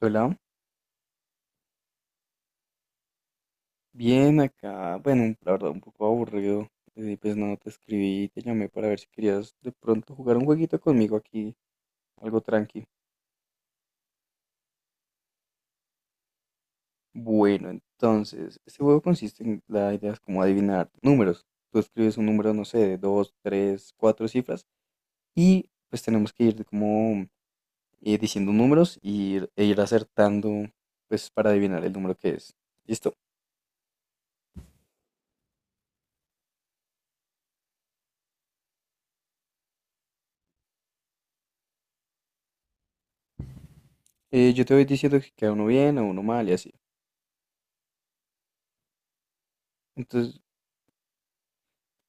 Hola, bien acá. Bueno, la verdad, un poco aburrido. Pues no te escribí, te llamé para ver si querías de pronto jugar un jueguito conmigo aquí, algo tranqui. Bueno, entonces, este juego consiste en la idea es como adivinar números. Tú escribes un número, no sé, de dos, tres, cuatro cifras y pues tenemos que ir como diciendo números y e ir acertando, pues para adivinar el número que es. ¿Listo? Yo te voy diciendo si queda uno bien o uno mal y así. Entonces,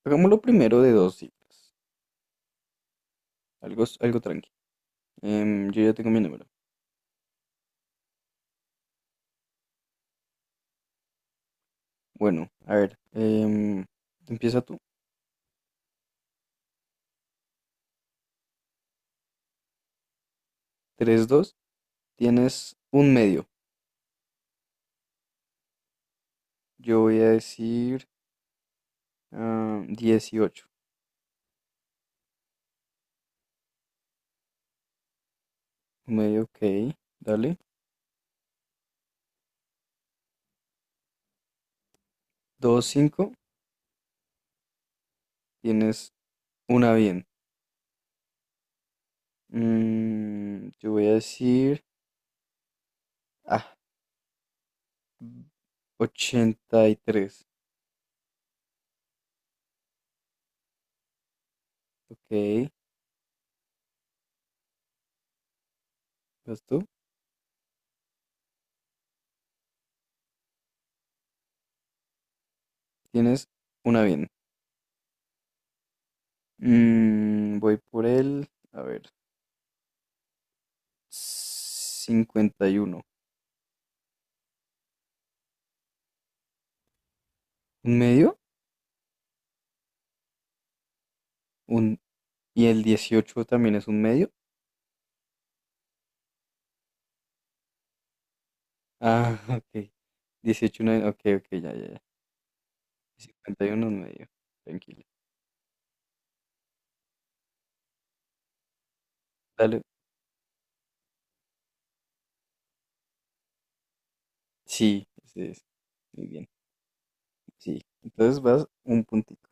hagámoslo primero de dos cifras. Algo tranqui. Yo ya tengo mi número. Bueno, a ver, empieza tú. Tres, dos. Tienes un medio. Yo voy a decir 18. Un medio, ok. Dale. Dos, cinco. Tienes una bien. Yo voy a decir ah, 83. Ok. ¿Vas tú? Tienes una bien. Voy por el. A ver. 51. ¿Un medio? Un, ¿Y el 18 también es un medio? Ah, ok. 18. No es- Ok, ok, ya, ya, ya. 51 es medio. Tranquilo. Dale. Sí, ese es. Muy bien. Sí. Entonces vas un puntito.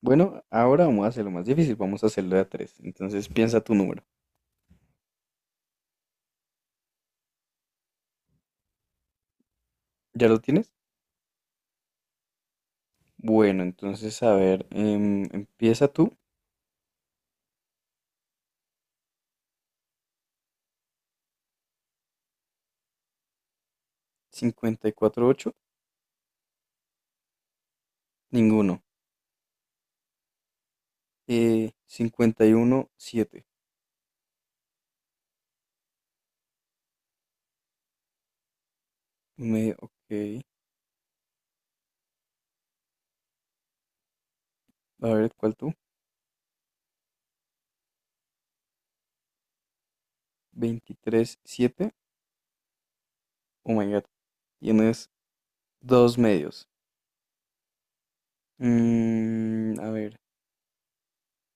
Bueno, ahora vamos a hacerlo más difícil. Vamos a hacerlo de a tres. Entonces piensa tu número. ¿Ya lo tienes? Bueno, entonces a ver, empieza tú. 54-8. Ninguno. 51-7. Un medio. Ok. A ver, ¿cuál tú? 23-7. Oh my God. Tienes dos medios. A ver,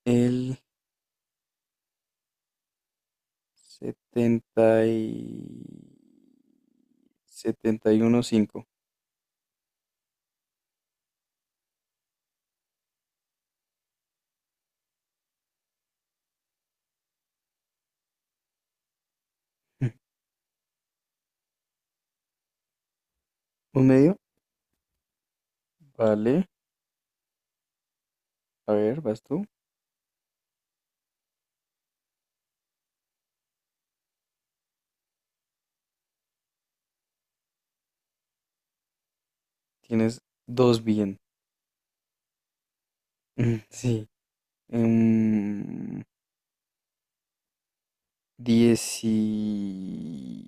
el 70 y 71,5. ¿Un medio? Vale, a ver, vas tú. Tienes dos bien. Mm, sí. Em, 10 y,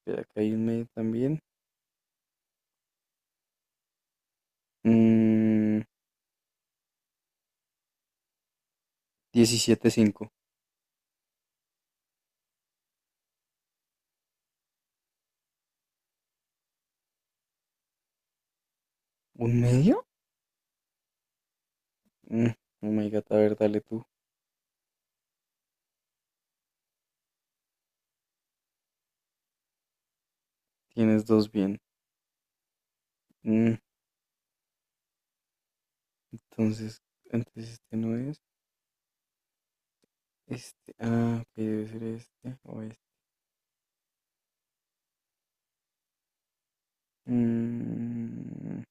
espera, acá hay un medio también. Mm, diecisiete punto cinco. ¿Un medio? Mm, Oh my god, a ver, dale tú. Tienes dos bien. Mm, Entonces, entonces este no es. Este, ah, ok, debe ser este o este. Mm,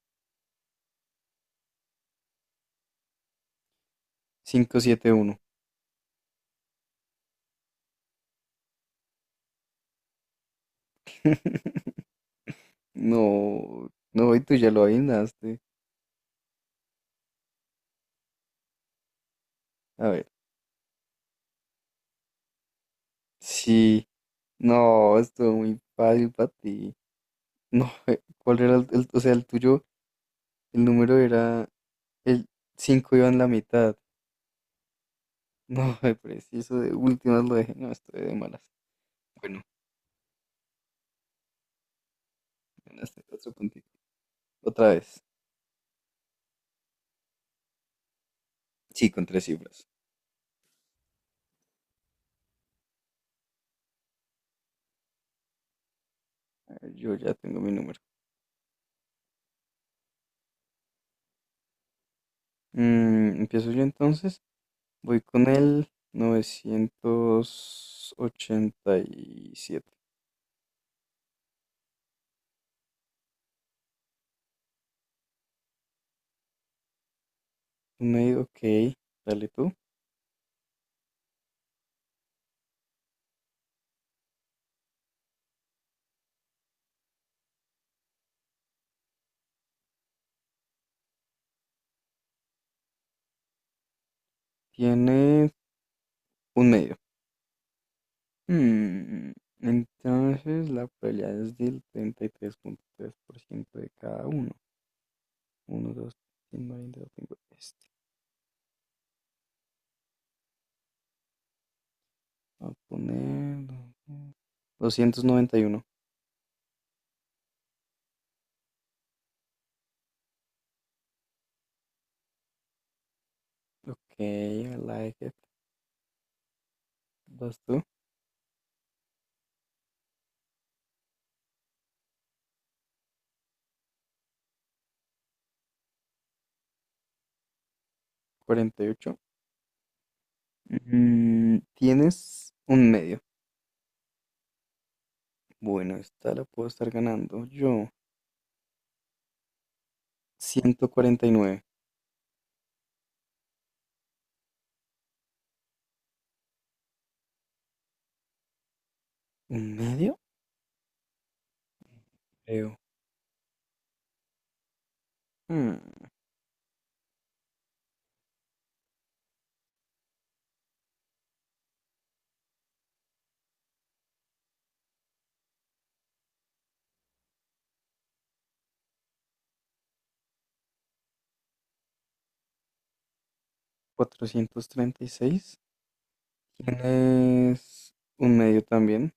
cinco siete, uno. No, no, y tú ya lo adivinaste. A ver, sí, no, estuvo muy fácil para ti. No, ¿cuál era o sea, el tuyo? El número era, el 5 iba en la mitad. No, preciso, de últimas lo dejé, no, estoy de malas. Bueno, ganaste otro puntito. Otra vez. Sí, con tres cifras. A ver, yo ya tengo mi número. Empiezo yo entonces. Voy con el 987. Un medio, ok. Dale tú. Tiene un medio. Mm, Entonces la probabilidad es del treinta y tres 3,3% de cada uno. 1, 2, 3, 20, 25. Este. Voy a poner 291. Ok, I like it. ¿Vas tú? 48. Tienes un medio. Bueno, esta la puedo estar ganando yo. 149. ¿Un medio? Creo. Hmm, 436. ¿Quién es un medio también?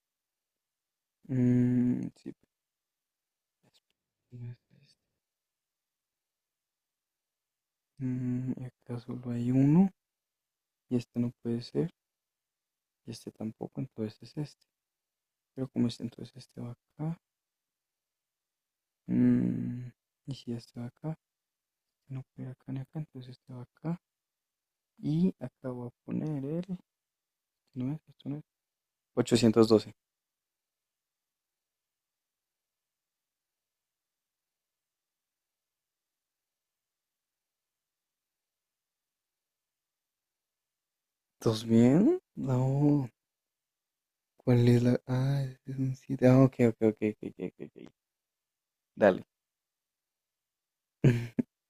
Mm, sí. Pues, este, y acá solo hay uno. Y este no puede ser. Y este tampoco. Entonces es este. Pero como este, entonces este va acá. Mm, y si este va acá. Si no puede ir acá ni acá, entonces este va acá. Y acá voy a poner el. No es, esto no es. 812. ¿Estás bien? No. ¿Cuál es la? Ah, es un 7. Ah, ok, ok, ok, ok, ok, ok, ok. Dale.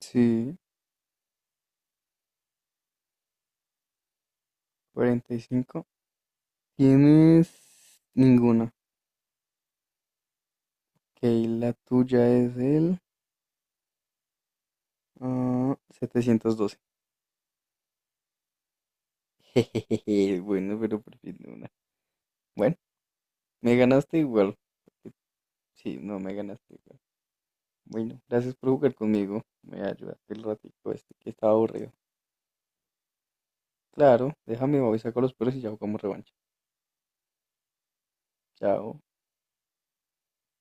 Sí, 45. Tienes ninguna. Ok, la tuya es el 712. Jejeje, bueno, pero por fin una. Bueno, me ganaste igual. Sí, no, me ganaste igual. Bueno, gracias por jugar conmigo. Me ayudaste el ratito este que estaba aburrido. Claro, déjame, voy, saco los perros y ya jugamos revancha. Chao.